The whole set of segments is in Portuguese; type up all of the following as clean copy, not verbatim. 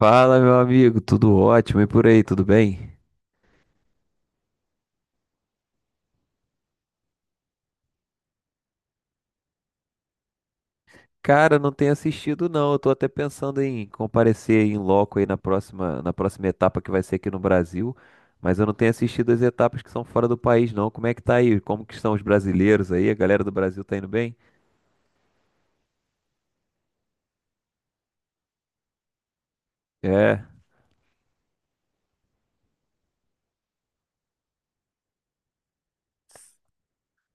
Fala, meu amigo, tudo ótimo e por aí, tudo bem? Cara, não tenho assistido não, eu tô até pensando em comparecer em loco aí na próxima etapa que vai ser aqui no Brasil, mas eu não tenho assistido as etapas que são fora do país não. Como é que tá aí? Como que estão os brasileiros aí? A galera do Brasil tá indo bem? É.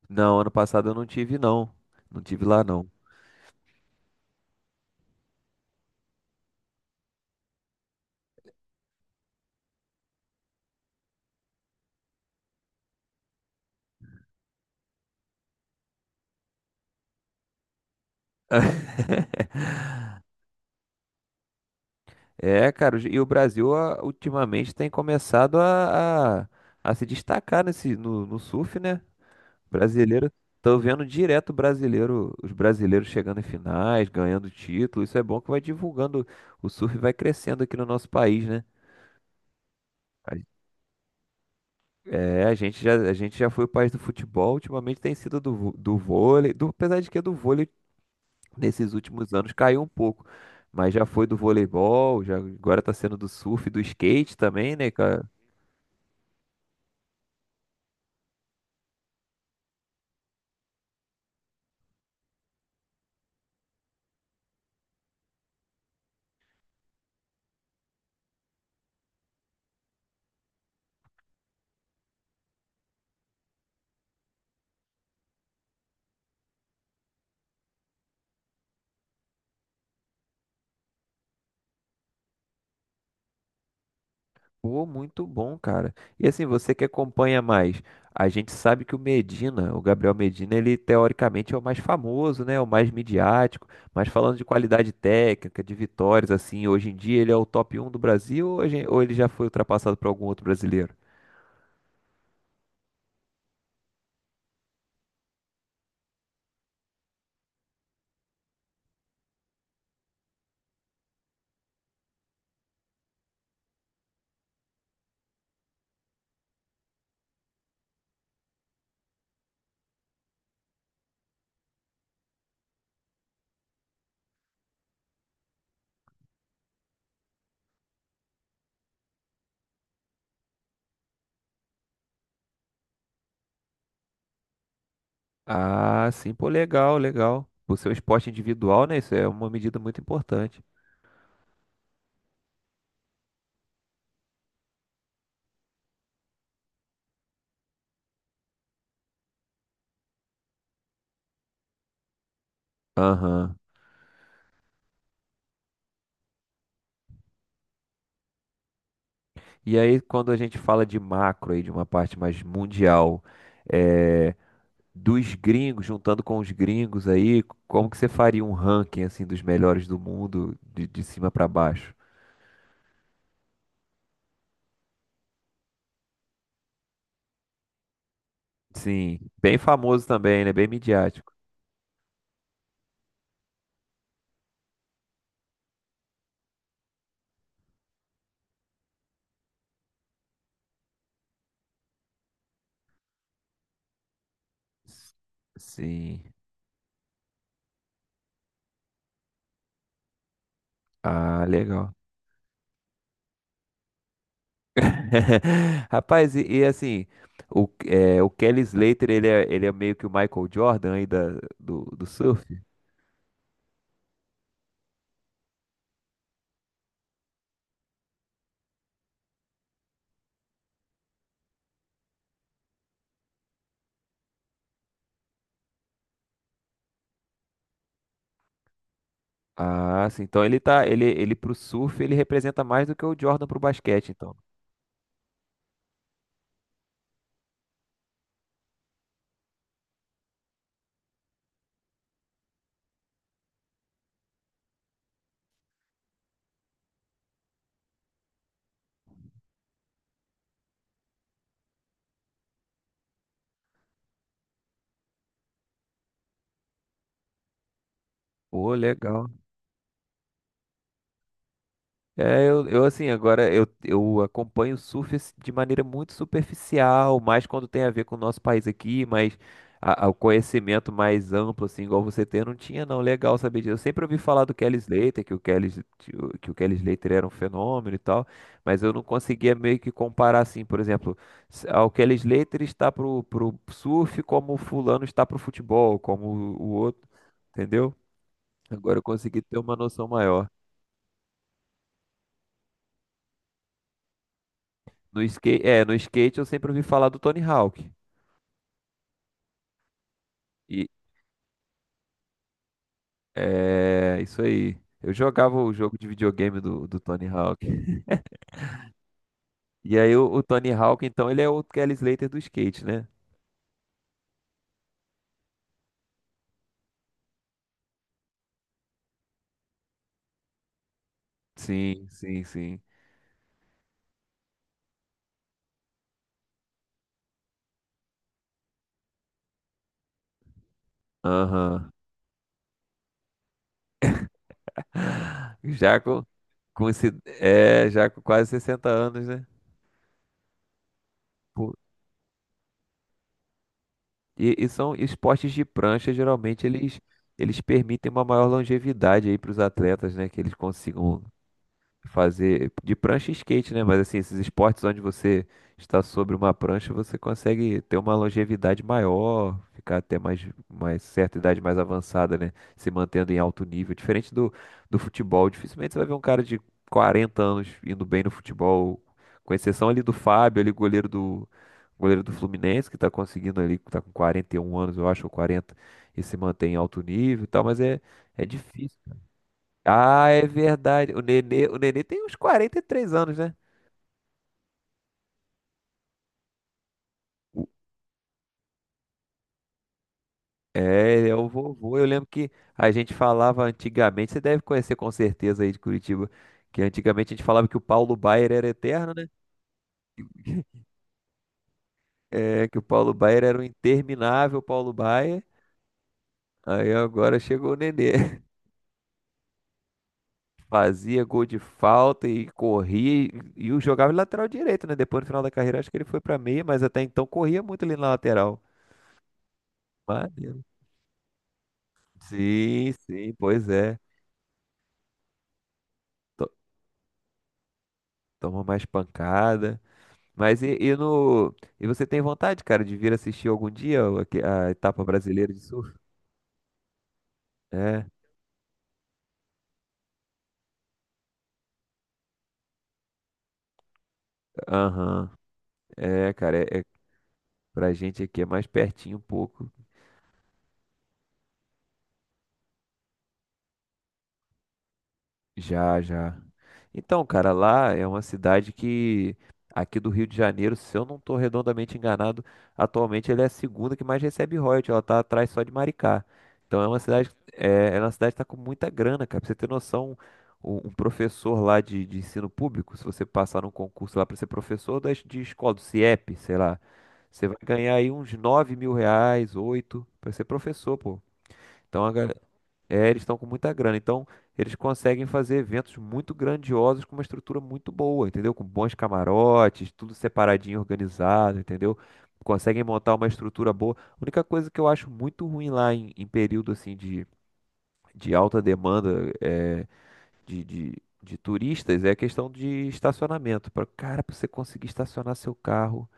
Não, ano passado eu não tive não. Não tive lá não. É, cara, e o Brasil ultimamente tem começado a se destacar nesse, no, no surf, né? Brasileiro, tô vendo direto brasileiro, os brasileiros chegando em finais, ganhando título. Isso é bom que vai divulgando, o surf vai crescendo aqui no nosso país, né? A- É, a gente já foi o país do futebol, ultimamente tem sido do do vôlei, apesar de que do vôlei nesses últimos anos caiu um pouco, mas já foi do voleibol, já agora tá sendo do surf, do skate também, né, cara? Pô, muito bom, cara. E assim, você que acompanha mais, a gente sabe que o Gabriel Medina, ele teoricamente é o mais famoso, né? É o mais midiático, mas falando de qualidade técnica, de vitórias, assim, hoje em dia ele é o top um do Brasil ou ou ele já foi ultrapassado por algum outro brasileiro? Ah, sim, pô, legal, legal. O seu esporte individual, né? Isso é uma medida muito importante. Aham. E aí, quando a gente fala de macro aí, de uma parte mais mundial, eh, dos gringos, juntando com os gringos aí, como que você faria um ranking assim dos melhores do mundo de cima pra baixo? Sim, bem famoso também, né? Bem midiático. S- Sim. Ah, legal. Rapaz, e assim, o Kelly Slater, ele é meio que o Michael Jordan aí do do surf. Ah, sim. Então ele tá, ele pro surf, ele representa mais do que o Jordan pro basquete, então. Pô, legal. É, eu assim, agora eu acompanho o surf assim, de maneira muito superficial, mais quando tem a ver com o nosso país aqui, mas o conhecimento mais amplo, assim, igual você tem, eu não tinha não. Legal saber disso. Eu sempre ouvi falar do Kelly Slater, que o Kelly, S- que o Kelly Slater era um fenômeno e tal, mas eu não conseguia meio que comparar, assim, por exemplo, o Kelly Slater está pro surf como o fulano está pro futebol, como o outro, entendeu? Agora eu consegui ter uma noção maior. No skate, no skate eu sempre ouvi falar do Tony Hawk. E é isso aí. Eu jogava o jogo de videogame do Tony Hawk. E aí o Tony Hawk, então, ele é o Kelly Slater do skate, né? Sim, sim, sim. Aham. Já com esse, é, já com quase 60 anos, né? Pô, e são esportes de prancha, geralmente eles permitem uma maior longevidade aí para os atletas, né? Que eles consigam fazer de prancha e skate, né? Mas assim, esses esportes onde você está sobre uma prancha, você consegue ter uma longevidade maior, ficar mais certa idade mais avançada, né? Se mantendo em alto nível. Diferente do futebol, dificilmente você vai ver um cara de 40 anos indo bem no futebol, com exceção ali do Fábio, ali goleiro do Fluminense, que está conseguindo ali, tá com 41 anos, eu acho, ou 40 e se mantém em alto nível e tal, mas é, é difícil. Ah, é verdade. O Nenê tem uns 43 anos, né? O- É, ele é o vovô. Eu lembro que a gente falava antigamente, você deve conhecer com certeza aí de Curitiba, que antigamente a gente falava que o Paulo Baier era eterno, né? É, que o Paulo Baier era um interminável Paulo Baier. Aí agora chegou o Nenê. Fazia gol de falta e corria e o jogava de lateral direito, né? Depois no final da carreira acho que ele foi pra meia, mas até então corria muito ali na lateral. Maneiro. Sim, sim, pois é. Toma mais pancada. Mas e no e você tem vontade, cara, de vir assistir algum dia a etapa brasileira de surf? É, aham. É, cara, pra gente aqui é mais pertinho um pouco. Já, já. Então, cara, lá é uma cidade que aqui do Rio de Janeiro, se eu não estou redondamente enganado, atualmente ela é a segunda que mais recebe royalties, ela tá atrás só de Maricá. Então é uma cidade, é uma cidade que tá com muita grana, cara. Pra você ter noção, um professor lá de ensino público, se você passar num concurso lá para ser professor de escola, do CIEP, sei lá, você vai ganhar aí uns 9.000 reais, 8 para ser professor, pô. Então eles estão com muita grana, então eles conseguem fazer eventos muito grandiosos com uma estrutura muito boa, entendeu? Com bons camarotes, tudo separadinho, organizado, entendeu? Conseguem montar uma estrutura boa. A única coisa que eu acho muito ruim lá em período assim de alta demanda de turistas é a questão de estacionamento. Para você conseguir estacionar seu carro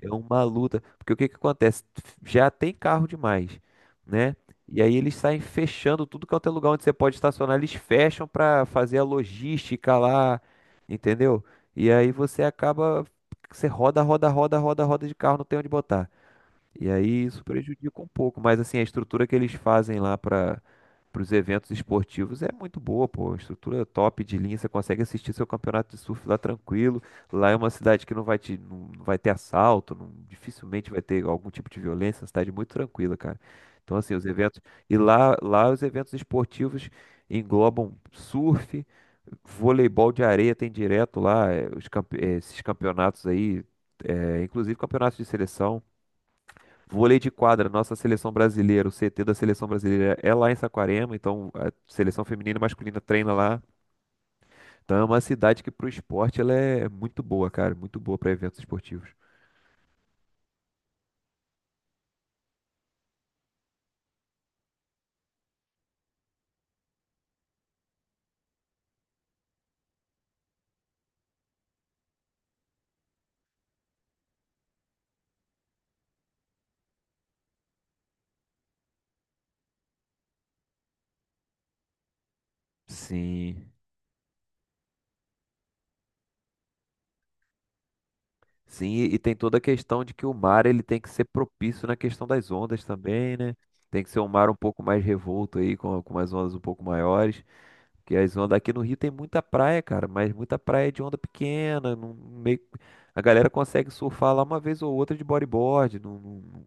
é uma luta, porque o que que acontece? Já tem carro demais, né? E aí eles saem fechando tudo quanto é lugar onde você pode estacionar, eles fecham para fazer a logística lá, entendeu? E aí você acaba, você roda de carro, não tem onde botar. E aí isso prejudica um pouco, mas assim, a estrutura que eles fazem lá para os eventos esportivos é muito boa, pô. Estrutura é top de linha, você consegue assistir seu campeonato de surf lá tranquilo. Lá é uma cidade que não vai te, não vai ter assalto, dificilmente vai ter algum tipo de violência, é uma cidade muito tranquila, cara. Então, assim, os eventos. E lá os eventos esportivos englobam surf, voleibol de areia tem direto lá, esses campeonatos aí, inclusive campeonatos de seleção. Vôlei de quadra, nossa seleção brasileira, o CT da seleção brasileira é lá em Saquarema, então a seleção feminina e masculina treina lá. Então é uma cidade que pro esporte ela é muito boa, cara, muito boa para eventos esportivos. Sim. Sim, e tem toda a questão de que o mar ele tem que ser propício na questão das ondas também, né? Tem que ser um mar um pouco mais revolto aí, com umas ondas um pouco maiores. Que as ondas aqui no Rio tem muita praia, cara, mas muita praia de onda pequena, não, meio... A galera consegue surfar lá uma vez ou outra de bodyboard,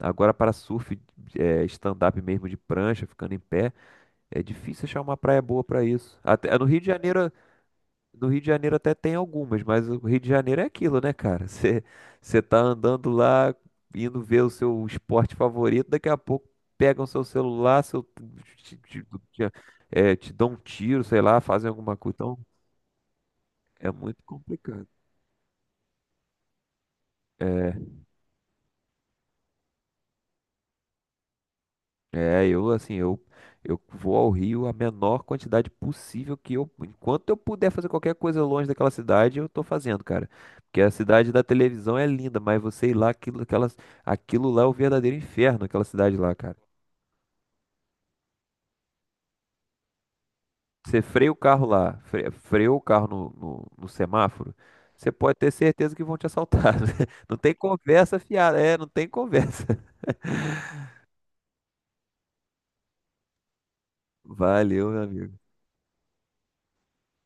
agora para surf, é, stand-up mesmo de prancha, ficando em pé, é difícil achar uma praia boa para isso. Até, no Rio de Janeiro no Rio de Janeiro até tem algumas, mas o Rio de Janeiro é aquilo, né, cara? Você tá andando lá, indo ver o seu esporte favorito, daqui a pouco pegam seu celular, seu, te- te- é, te dão um tiro, sei lá, fazem alguma coisa. Então, é muito complicado. É, é, eu assim, eu vou ao Rio a menor quantidade possível que eu, enquanto eu puder fazer qualquer coisa longe daquela cidade, eu tô fazendo, cara. Porque a cidade da televisão é linda, mas você ir lá, aquilo lá é o verdadeiro inferno, aquela cidade lá, cara. Você freia o carro lá, freou o carro no semáforo, você pode ter certeza que vão te assaltar. Não tem conversa fiada, é, não tem conversa. Valeu, meu amigo.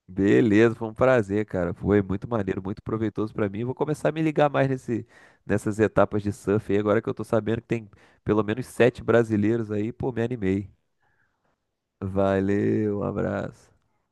Beleza, foi um prazer, cara. Foi muito maneiro, muito proveitoso pra mim. Vou começar a me ligar mais nessas etapas de surf aí. Agora que eu tô sabendo que tem pelo menos 7 brasileiros aí, pô, me animei. Valeu, um abraço.